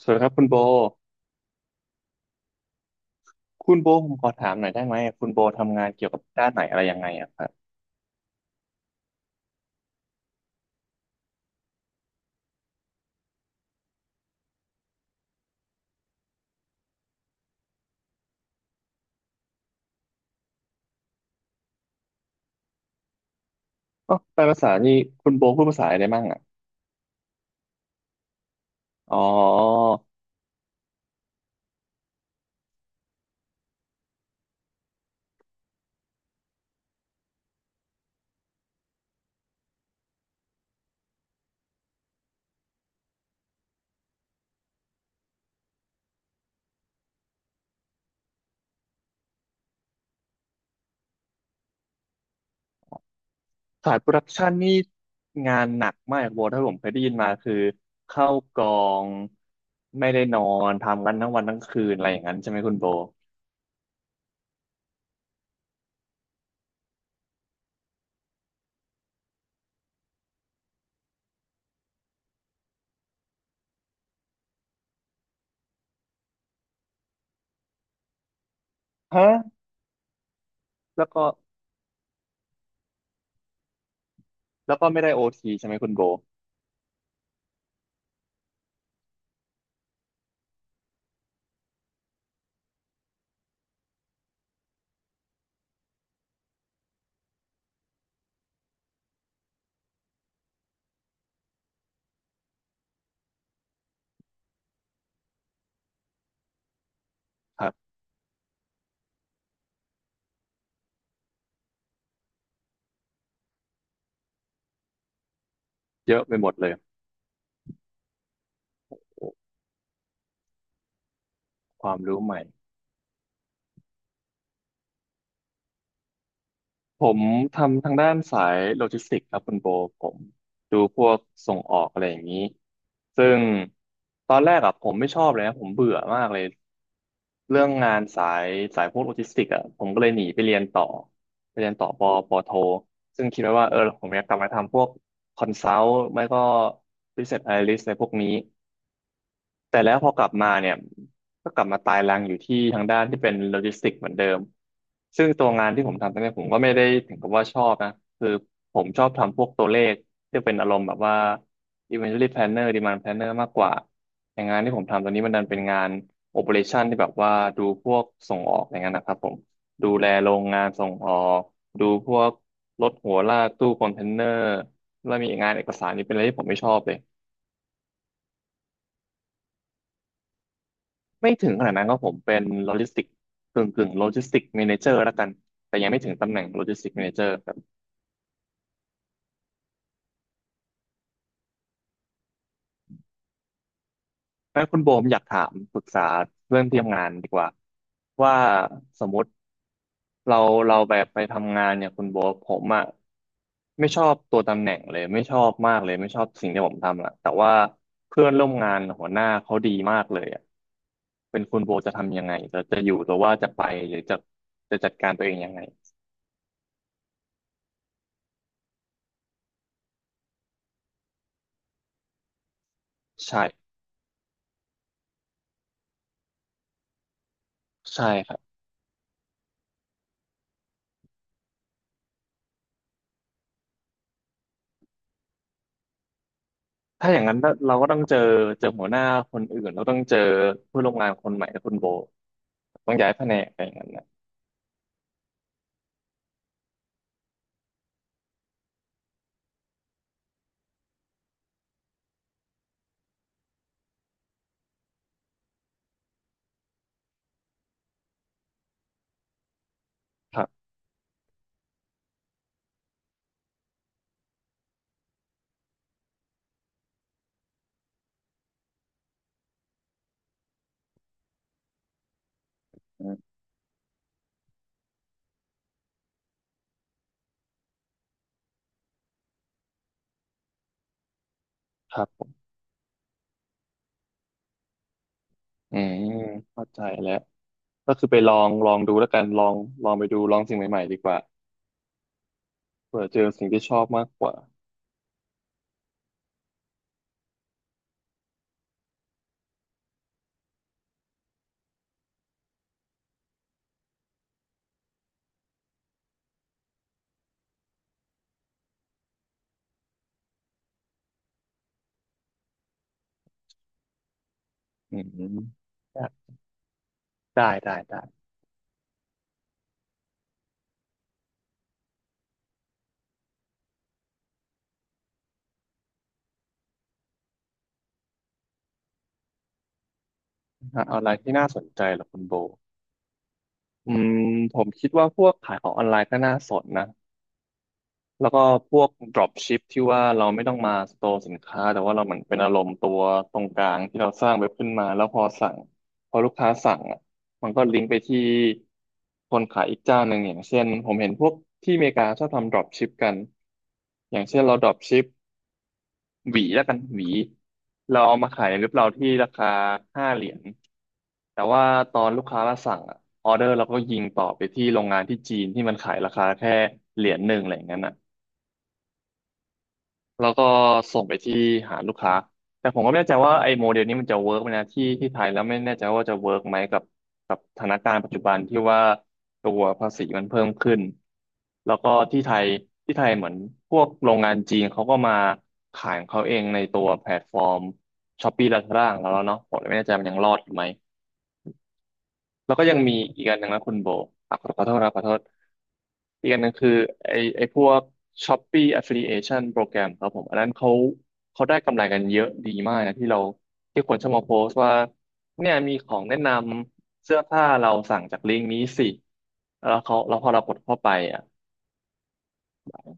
สวัสดีครับคุณโบคุณโบผมขอถามหน่อยได้ไหมคุณโบทำงานเกี่ยวกับด้านไหนอะไรยังไงอะครับอ๋อแปลภาษานี่คุณโบพูดภาษาอะไรมั่งอะอ๋อสายโปรดักชันนี่งานหนักมากโบถ้าผมเคยได้ยินมาคือเข้ากองไม่ได้นอนทำกันทั้งวันทั้งคืนอะไรอย่างนั้นใช่ไหมคุณโบฮะแล้วก็แล้วก็ไม่ได้โอทีใช่ไหมคุณโบครับเยอะไปหมดเลยโอ้ความรู้ใหม่ ผมทำทางด้านสายโลจิสติกส์ครับคุณโบผมดูพวกส่งออกอะไรอย่างนี้ซึ่งตอนแรกอะผมไม่ชอบเลยนะผมเบื่อมากเลยเรื่องงานสายสายพวกโลจิสติกส์อะผมก็เลยหนีไปเรียนต่อไปเรียนต่อปอปอโทซึ่งคิดไว้ว่าเออผมอยากกลับมาทำพวกคอนซัลท์ไม่ก็ business analyst อะไรพวกนี้ แต่แล้วพอกลับมาเนี่ยก็กลับมาตายรังอยู่ที่ทางด้านที่เป็นโลจิสติกส์เหมือนเดิมซึ่งตัวงานที่ผมทำตอนนี้ผมก็ไม่ได้ถึงกับว่าชอบนะคือผมชอบทำพวกตัวเลขที่เป็นอารมณ์แบบว่า inventory planner demand planner มากกว่าอย่างงานที่ผมทำตอนนี้มันดันเป็นงาน operation ที่แบบว่าดูพวกส่งออกอย่างนั้นนะครับผมดูแลโรงงานส่งออกดูพวกรถหัวลากตู้คอนเทนเนอร์แล้วมีงานเอกสารนี่เป็นอะไรที่ผมไม่ชอบเลย ไม่ถึงขนาดนั้นก็ผมเป็นโลจิสติกกึ่งกึ่งโลจิสติกแมเนเจอร์แล้วกันแต่ยังไม่ถึงตำแหน่งโลจิสติกแมเนเจอร์ครับงั้นคุณโบผมอยากถามปรึกษาเรื่องที่ทำงานดีกว่าว่าสมมติเราเราแบบไปทำงานเนี่ยคุณโบผมอะไม่ชอบตัวตำแหน่งเลยไม่ชอบมากเลยไม่ชอบสิ่งที่ผมทำอะแต่ว่าเพื่อนร่วมงานหัวหน้าเขาดีมากเลยอะเป็นคุณโบจะทำยังไงจะจะอยู่หรือว่าจะไปหรือจะจะจัดการตัวเองยังไงใช่ใช่ครับ ถ้าอย่างนั้นเราก็ต้องเจอเจอหัวหน้าคนอื่นเราต้องเจอผู้ร่วมงานคนใหม่คุณโบต้องย้ายแผนกอะไรอย่างนั้นนะครับอืมครับผมอืมเข้าใจแล้วก็คือไปลองลองดูแล้วกันลองลองไปดูลองสิ่งใหม่ๆดีกว่าเผื่อเจอสิ่งที่ชอบมากกว่าอืมได้ได้หาออนไลน์ที่น่าสนใจเหรอคุณโบอืมผมคิดว่าพวกขายของออนไลน์ก็น่าสนนะ แล้วก็พวก drop ship ที่ว่าเราไม่ต้องมาสโตร์สินค้าแต่ว่าเราเหมือนเป็นอารมณ์ตัวตรงกลางที่เราสร้างเว็บขึ้นมาแล้วพอสั่งพอลูกค้าสั่งอ่ะมันก็ลิงก์ไปที่คนขายอีกเจ้าหนึ่งอย่างเช่นผมเห็นพวกที่อเมริกาชอบทำ drop ship กันอย่างเช่นเรา drop ship หวีแล้วกันหวีเราเอามาขายในเว็บเราที่ราคาห้าเหรียญแต่ว่าตอนลูกค้ามาสั่งอ่ะออเดอร์เราก็ยิงต่อไปที่โรงงานที่จีนที่มันขายราคาแค่เหรียญหนึ่งอะไรอย่างนั้นอ่ะ แล้วก็ส่งไปที่หาลูกค้า แต่ผมก็ไม่แน่ใจว่าไอ้โมเดลนี้มันจะเวิร์กไหมนะที่ไทยแล้วไม่แน่ใจว่าจะเวิร์กไหมกับกับสถานการณ์ปัจจุบันที่ว่าตัวภาษีมันเพิ่มขึ้นแล้วก็ที่ไทยเหมือนพวกโรงงานจีนเขาก็มาขายของเขาเองในตัวแพลตฟอร์ม Shopee Lazada ของเราแล้วเนาะผมเลยไม่แน่ใจมันยังรอดอยู่ไหม แล้วก็ยังมีอีกอันหนึ่งนะคุณโบอ่ะขอโทษนะขอโทษอีกอันหนึ่งคือไอไอพวก Shopee Affiliation โปรแกรมครับผมอันนั้นเขาเขาได้กำไรกันเยอะดีมากนะที่เราที่คนชอบมาโพสต์ว่าเนี่ยมีของแนะนำเสื้อผ้าเราสั่งจากลิงก์นี้สิแล้วเขาแล้วพอเรากดเข้าไปอ่ะ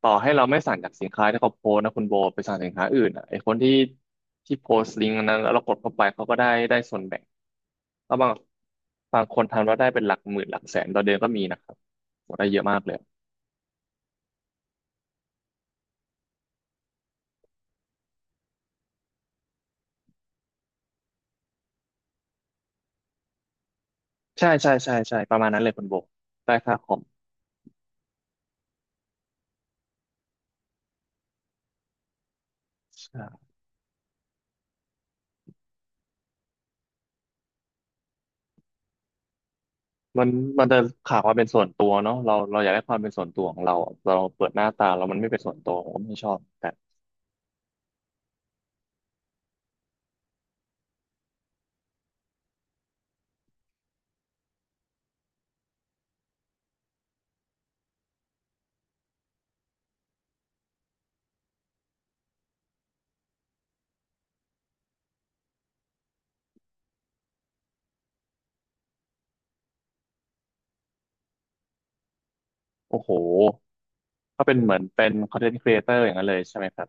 ต่อให้เราไม่สั่งจากสินค้าที่เขาโพสต์นะคุณโบไปสั่งสินค้าอื่นอ่ะไอคนที่โพสต์ลิงก์อันนั้นแล้วเรากดเข้าไปเขาก็ได้ส่วนแบ่งแล้วบางคนทำแล้วได้เป็นหลักหมื่นหลักแสนต่อเดือนก็มีนะครับโหได้เยอะมากเลยใช่ใช่ใช่ใช่ประมาณนั้นเลยคุณโบได้ค่าคอมใช่มันจะขาดความเป็นส่วนตัวเนาะเราอยากได้ความเป็นส่วนตัวของเราเราเปิดหน้าตาเรามันไม่เป็นส่วนตัวผมก็ไม่ชอบแต่โอ้โหก็เป็นเหมือนเป็น content creator อย่างนั้นเลยใช่ไหมครับ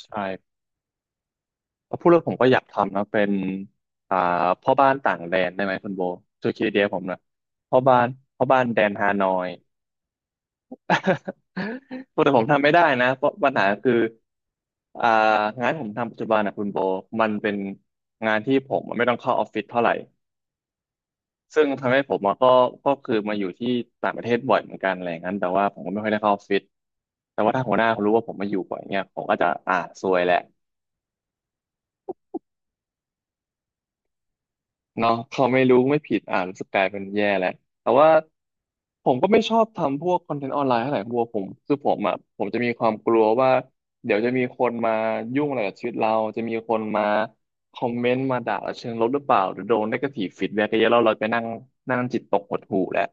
ใช่ พอพูดแล้วผมก็อยากทำนะเป็นอ่าพ่อบ้านต่างแดนได้ไหมคุณโบช่วยคิดไอเดียผมหนะพ่อบ้านพ่อบ้านแดนฮานอย แต่ผมทำไม่ได้นะเพราะปัญหาคืออ่างานผมทำปัจจุบันนะคุณโบมันเป็นงานที่ผมไม่ต้องเข้าออฟฟิศเท่าไหร่ซึ่งทำให้ผมอะก็ก็คือมาอยู่ที่ต่างประเทศบ่อยเหมือนกันอะไรอย่างนั้นแต่ว่าผมก็ไม่ค่อยได้เข้าออฟฟิศแต่ว่าถ้าหัวหน้าเขารู้ว่าผมมาอยู่บ่อยเนี่ยผมก็จะซวยแหละ เนาะเขาไม่รู้ไม่ผิดอ่านรู้สึกกลายเป็นแย่แหละแต่ว่าผมก็ไม่ชอบทำพวกคอนเทนต์ออนไลน์เท่าไหร่บัวผมคือผมอ่ะผมจะมีความกลัวว่าเดี๋ยวจะมีคนมายุ่งอะไรกับชีวิตเราจะมีคนมาคอมเมนต์มาด่าเราเชิงลบหรือเปล่าหรือโดน negative feedback เยอะๆแล้วเราไปนั่งนั่งจิตตกหดหู่แหละ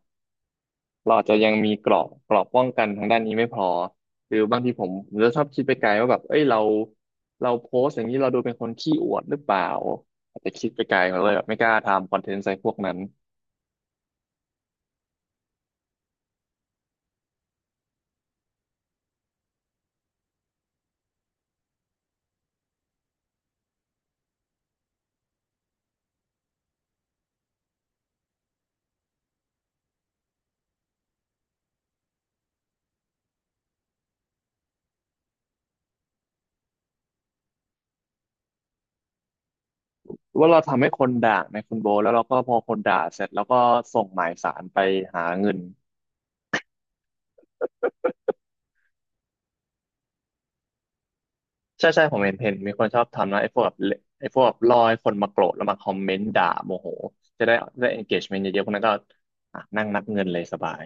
เราอาจจะยังมีกรอบป้องกันทางด้านนี้ไม่พอหรือบางทีผมจะชอบคิดไปไกลว่าแบบเอ้ยเราโพสต์อย่างนี้เราดูเป็นคนขี้อวดหรือเปล่าอาจจะคิดไปไกลเราเลยแบบไม่กล้าทำคอนเทนต์ใส่พวกนั้นหรือว่าเราทำให้คนด่าในคุณโบทแล้วเราก็พอคนด่าเสร็จแล้วก็ส่งหมายสารไปหาเงินใช่ใช่ผมเห็นมีคนชอบทำนะไอ้พวกแบบเลไอ้พวกแบบรอให้คนมาโกรธแล้วมาคอมเมนต์ด่าโมโหจะได้ได้ engagement เยอะๆพวกนั้นก็อ่ะนั่งนับเงินเลยสบาย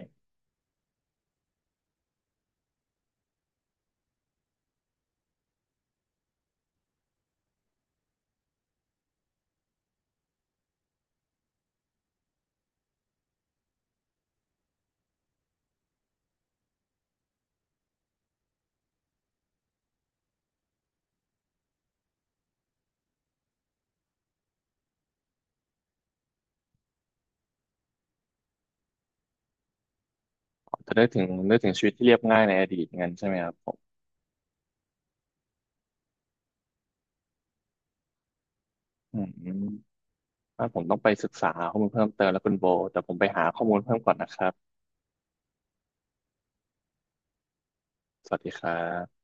จะได้ถึงชีวิตที่เรียบง่ายในอดีตงั้นใช่ไหมครับผมอืมถ้าผมต้องไปศึกษาข้อมูลเพิ่มเติมแล้วคุณโบแต่ผมไปหาข้อมูลเพิ่มก่อนนะครับสวัสดีครับ